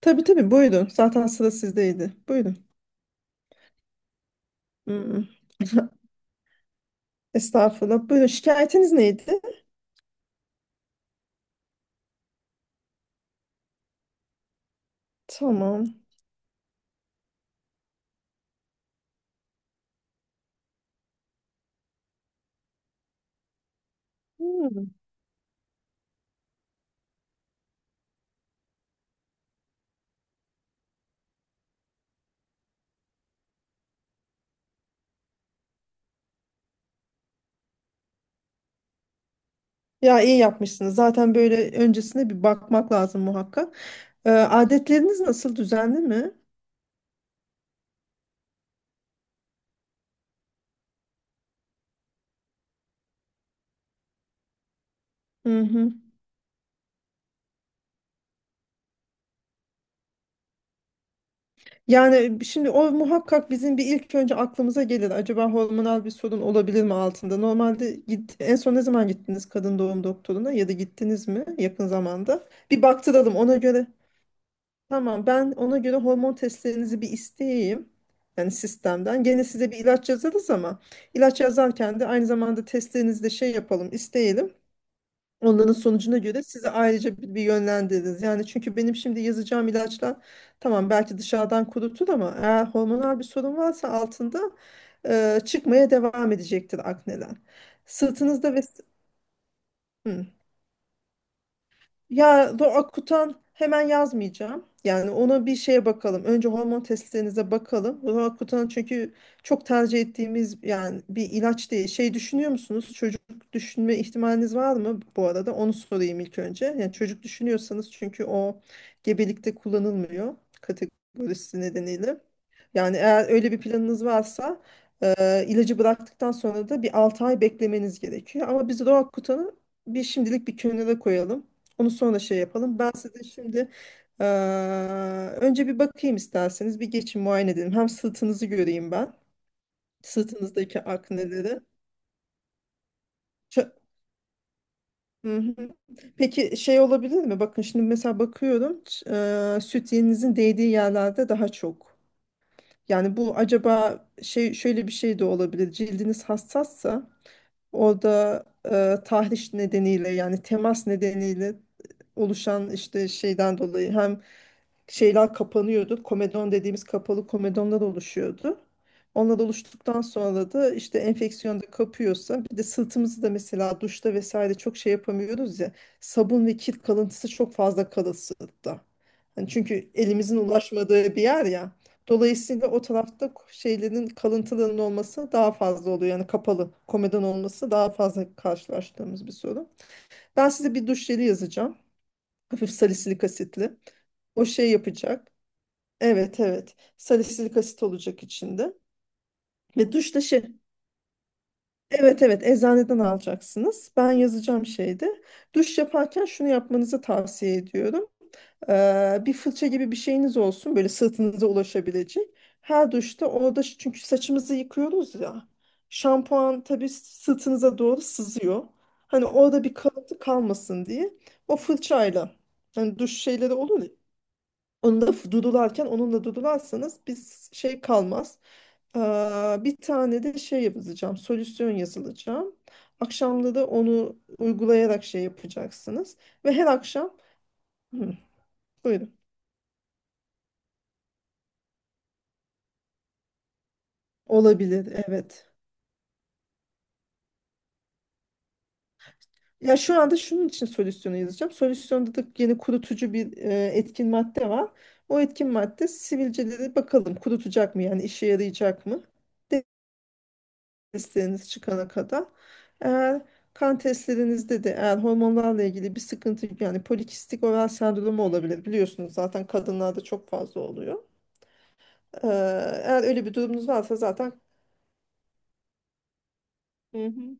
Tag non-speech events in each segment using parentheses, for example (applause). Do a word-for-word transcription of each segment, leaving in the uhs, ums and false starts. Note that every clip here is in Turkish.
Tabii tabii buyurun. Zaten sıra sizdeydi. Buyurun. Hmm. (laughs) Estağfurullah. Buyurun. Şikayetiniz neydi? Tamam. Hmm. Ya iyi yapmışsınız. Zaten böyle öncesine bir bakmak lazım muhakkak. Ee, adetleriniz nasıl? Düzenli mi? Hı hı. Yani şimdi o muhakkak bizim bir ilk önce aklımıza gelir. Acaba hormonal bir sorun olabilir mi altında? Normalde git, en son ne zaman gittiniz kadın doğum doktoruna ya da gittiniz mi yakın zamanda? Bir baktıralım ona göre. Tamam, ben ona göre hormon testlerinizi bir isteyeyim. Yani sistemden. Gene size bir ilaç yazarız, ama ilaç yazarken de aynı zamanda testlerinizi de şey yapalım, isteyelim. Onların sonucuna göre size ayrıca bir, bir yönlendiririz. Yani çünkü benim şimdi yazacağım ilaçlar tamam belki dışarıdan kurutur, ama eğer hormonal bir sorun varsa altında e, çıkmaya devam edecektir akneler. Sırtınızda ve... Hı. Ya do akutan hemen yazmayacağım. Yani ona bir şeye bakalım. Önce hormon testlerinize bakalım. Roakutan çünkü çok tercih ettiğimiz yani bir ilaç değil. Şey düşünüyor musunuz? Çocuk düşünme ihtimaliniz var mı bu arada? Onu sorayım ilk önce. Yani çocuk düşünüyorsanız, çünkü o gebelikte kullanılmıyor kategorisi nedeniyle. Yani eğer öyle bir planınız varsa e, ilacı bıraktıktan sonra da bir altı ay beklemeniz gerekiyor. Ama biz Roakutan'ı bir şimdilik bir kenara koyalım. Onu sonra şey yapalım. Ben size şimdi eee, önce bir bakayım isterseniz. Bir geçin muayene edelim. Hem sırtınızı göreyim ben. Sırtınızdaki akneleri. Ç- Hı hı. Peki şey olabilir mi? Bakın şimdi mesela bakıyorum. Ç- eee, süt yeğeninizin değdiği yerlerde daha çok. Yani bu acaba şey şöyle bir şey de olabilir. Cildiniz hassassa orada e, tahriş nedeniyle, yani temas nedeniyle oluşan işte şeyden dolayı hem şeyler kapanıyordu. Komedon dediğimiz kapalı komedonlar oluşuyordu. Onlar oluştuktan sonra da işte enfeksiyon da kapıyorsa, bir de sırtımızı da mesela duşta vesaire çok şey yapamıyoruz ya. Sabun ve kir kalıntısı çok fazla kalır sırtta. Hani çünkü elimizin ulaşmadığı bir yer ya. Dolayısıyla o tarafta şeylerin kalıntılarının olması daha fazla oluyor. Yani kapalı komedon olması daha fazla karşılaştığımız bir sorun. Ben size bir duş jeli yazacağım. Hafif salisilik asitli. O şey yapacak. Evet evet. Salisilik asit olacak içinde. Ve duş da şey. Evet evet, eczaneden alacaksınız. Ben yazacağım şeyde. Duş yaparken şunu yapmanızı tavsiye ediyorum. Ee, bir fırça gibi bir şeyiniz olsun böyle sırtınıza ulaşabilecek. Her duşta orada çünkü saçımızı yıkıyoruz ya. Şampuan tabii sırtınıza doğru sızıyor. Hani orada bir kalıntı kalmasın diye o fırçayla, hani duş şeyleri olur ya. Onu da f- dudularken onunla dudularsanız biz şey kalmaz. Ee, Bir tane de şey yapacağım. Solüsyon yazılacağım. Akşamda da onu uygulayarak şey yapacaksınız. Ve her akşam. Hı, buyurun. Olabilir, evet. Ya şu anda şunun için solüsyonu yazacağım. Solüsyonda da yeni kurutucu bir e, etkin madde var. O etkin madde sivilceleri bakalım kurutacak mı, yani işe yarayacak mı? Testleriniz çıkana kadar. Eğer kan testlerinizde de eğer hormonlarla ilgili bir sıkıntı, yani polikistik oral sendromu olabilir. Biliyorsunuz zaten kadınlarda çok fazla oluyor. Ee, eğer öyle bir durumunuz varsa zaten. Hı hı,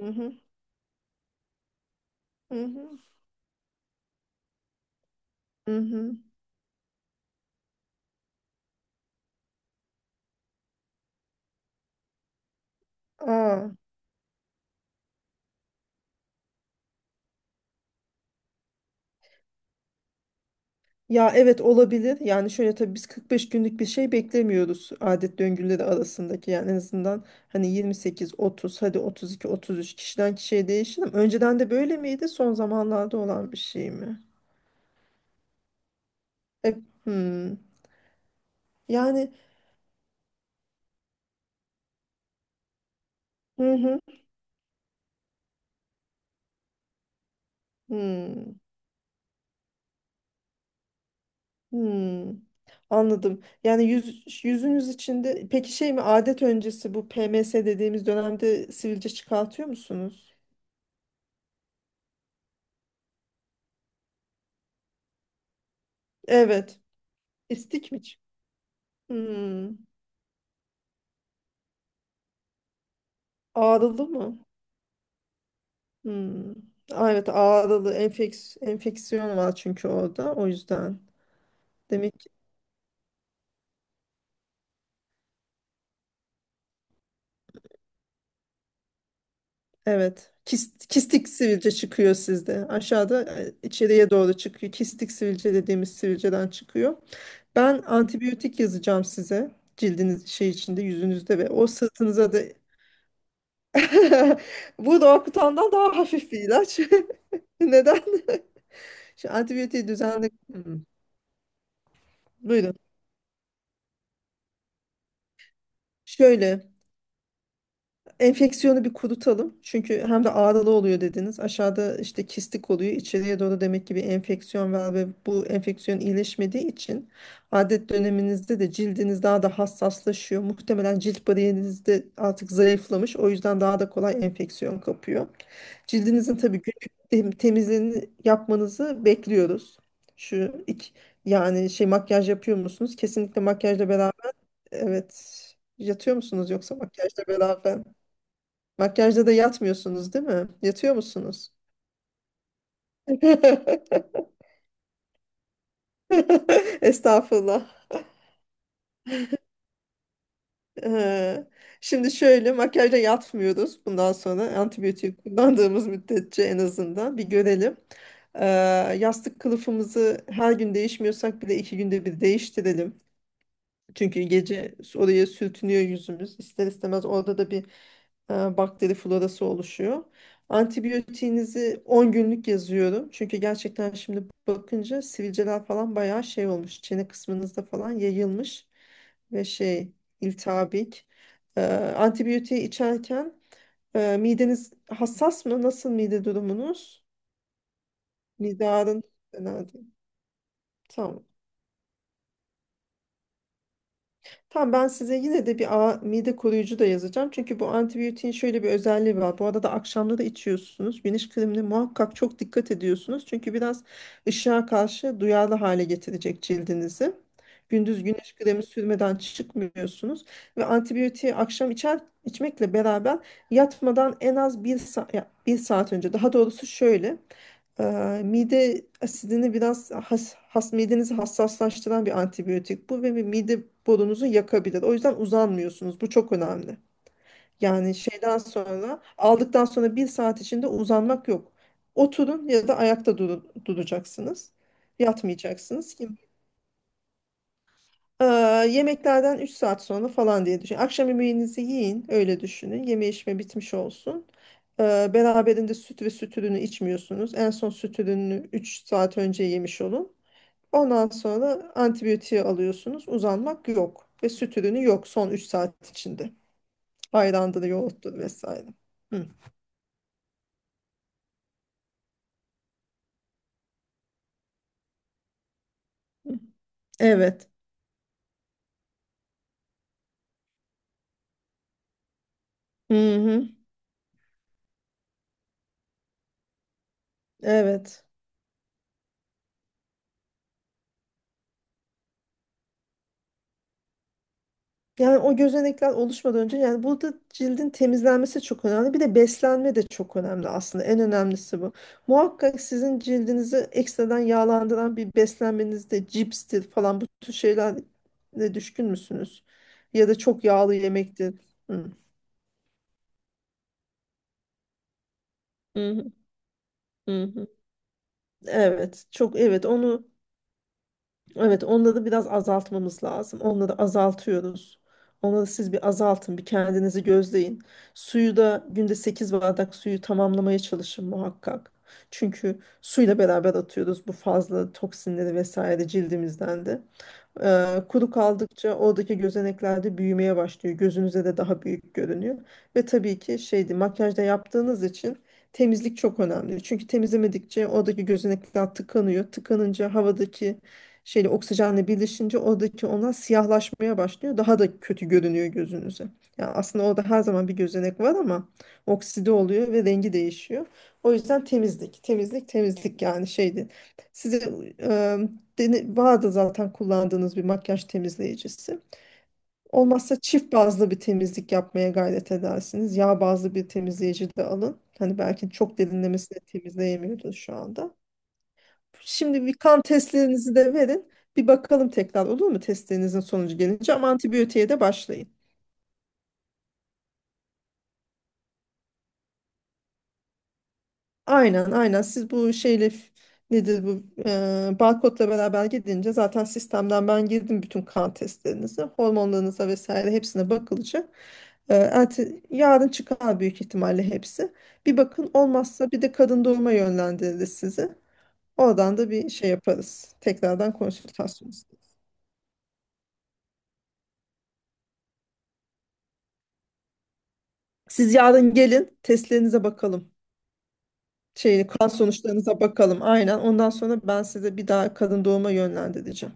hı hı, hı hı, hı hı. Aa. Ya evet olabilir. Yani şöyle, tabii biz kırk beş günlük bir şey beklemiyoruz adet döngüleri arasındaki. Yani en azından hani yirmi sekiz, otuz, hadi otuz iki, otuz üç, kişiden kişiye değişir, ama önceden de böyle miydi? Son zamanlarda olan bir şey mi? E, hmm. Yani hı hı, hmm, hmm. Anladım. Yani yüz, yüzünüz içinde peki şey mi, adet öncesi bu P M S dediğimiz dönemde sivilce çıkartıyor musunuz? Evet. İstik mi? çık- Hmm. Ağrılı mı? Hmm. Aa, evet ağrılı, enfeks enfeksiyon var çünkü orada, o yüzden. Demek ki, evet, kist, kistik sivilce çıkıyor sizde. Aşağıda e, içeriye doğru çıkıyor. Kistik sivilce dediğimiz sivilceden çıkıyor. Ben antibiyotik yazacağım size, cildiniz şey içinde, yüzünüzde ve o sırtınıza da. (laughs) Bu da daha hafif bir ilaç. (laughs) Neden? (laughs) Şu antibiyotiği düzenli. Hmm, buyurun. Şöyle. Enfeksiyonu bir kurutalım. Çünkü hem de ağrılı oluyor dediniz. Aşağıda işte kistik oluyor. İçeriye doğru, demek ki bir enfeksiyon var ve bu enfeksiyon iyileşmediği için adet döneminizde de cildiniz daha da hassaslaşıyor. Muhtemelen cilt bariyeriniz de artık zayıflamış. O yüzden daha da kolay enfeksiyon kapıyor. Cildinizin tabii günlük tem- temizliğini yapmanızı bekliyoruz. Şu iki, Yani şey, makyaj yapıyor musunuz? Kesinlikle makyajla beraber, evet. Yatıyor musunuz yoksa makyajla beraber? Makyajda da yatmıyorsunuz değil mi? Yatıyor musunuz? (laughs) Estağfurullah. Ee, Şimdi şöyle, makyajda yatmıyoruz. Bundan sonra antibiyotik kullandığımız müddetçe en azından bir görelim. Ee, Yastık kılıfımızı her gün değişmiyorsak bile iki günde bir değiştirelim. Çünkü gece oraya sürtünüyor yüzümüz. İster istemez orada da bir e, bakteri florası oluşuyor. Antibiyotiğinizi on günlük yazıyorum. Çünkü gerçekten şimdi bakınca sivilceler falan bayağı şey olmuş. Çene kısmınızda falan yayılmış ve şey, iltihabik. E, antibiyotiği içerken e, mideniz hassas mı? Nasıl mide durumunuz? Mide ağrın Fena değil. Tamam. Tamam, ben size yine de bir a, mide koruyucu da yazacağım. Çünkü bu antibiyotiğin şöyle bir özelliği var. Bu arada da akşamları içiyorsunuz. Güneş kremine muhakkak çok dikkat ediyorsunuz. Çünkü biraz ışığa karşı duyarlı hale getirecek cildinizi. Gündüz güneş kremi sürmeden çıkmıyorsunuz. Ve antibiyotiği akşam içer, içmekle beraber yatmadan en az bir, sa ya bir saat önce. Daha doğrusu şöyle. Eee, mide asidini biraz has, has midenizi hassaslaştıran bir antibiyotik bu ve bir mide borunuzu yakabilir. O yüzden uzanmıyorsunuz. Bu çok önemli. Yani şeyden sonra, aldıktan sonra bir saat içinde uzanmak yok. Oturun ya da ayakta duru- duracaksınız. Yatmayacaksınız. Ee, Yemeklerden üç saat sonra falan diye düşün. Akşam yemeğinizi yiyin, öyle düşünün. Yeme içme bitmiş olsun. Ee, beraberinde süt ve süt ürünü içmiyorsunuz. En son süt ürününü üç saat önce yemiş olun. Ondan sonra antibiyotiği alıyorsunuz. Uzanmak yok. Ve süt ürünü yok son üç saat içinde. Ayrandır, yoğurttur vesaire. Hı. Evet. Hı hı. Evet. Yani o gözenekler oluşmadan önce, yani burada cildin temizlenmesi çok önemli. Bir de beslenme de çok önemli aslında. En önemlisi bu. Muhakkak sizin cildinizi ekstradan yağlandıran bir beslenmenizde, cipstir falan bu tür şeylerle düşkün müsünüz? Ya da çok yağlı yemektir. Hı. Hı hı, hı hı. Evet, çok, evet onu. Evet, onları biraz azaltmamız lazım. Onları azaltıyoruz. Onları siz bir azaltın, bir kendinizi gözleyin. Suyu da günde sekiz bardak suyu tamamlamaya çalışın muhakkak. Çünkü suyla beraber atıyoruz bu fazla toksinleri vesaire cildimizden de. Eee, kuru kaldıkça oradaki gözenekler de büyümeye başlıyor. Gözünüze de daha büyük görünüyor. Ve tabii ki şeydi, makyajda yaptığınız için temizlik çok önemli. Çünkü temizlemedikçe oradaki gözenekler tıkanıyor. Tıkanınca havadaki şeyle, oksijenle birleşince oradaki onlar siyahlaşmaya başlıyor. Daha da kötü görünüyor gözünüze. Yani aslında orada her zaman bir gözenek var ama okside oluyor ve rengi değişiyor. O yüzden temizlik, temizlik, temizlik, yani şeydi. Size e, dene- vardı zaten kullandığınız bir makyaj temizleyicisi. Olmazsa çift bazlı bir temizlik yapmaya gayret edersiniz. Yağ bazlı bir temizleyici de alın. Hani belki çok derinlemesine temizleyemiyordur şu anda. Şimdi bir kan testlerinizi de verin. Bir bakalım tekrar olur mu, testlerinizin sonucu gelince, ama antibiyotiğe de başlayın. Aynen aynen, siz bu şeyle, f- nedir bu, e, barkodla beraber gidince zaten sistemden ben girdim, bütün kan testlerinizi, hormonlarınıza vesaire hepsine bakılacak. E, erte- yarın çıkar büyük ihtimalle hepsi. Bir bakın, olmazsa bir de kadın doğuma yönlendiririz sizi. Oradan da bir şey yaparız. Tekrardan konsültasyon isteriz. Siz yarın gelin, testlerinize bakalım. Şey, kan sonuçlarınıza bakalım. Aynen. Ondan sonra ben size bir daha kadın doğuma yönlendireceğim.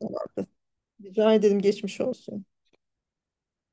Tamam. Rica ederim, geçmiş olsun.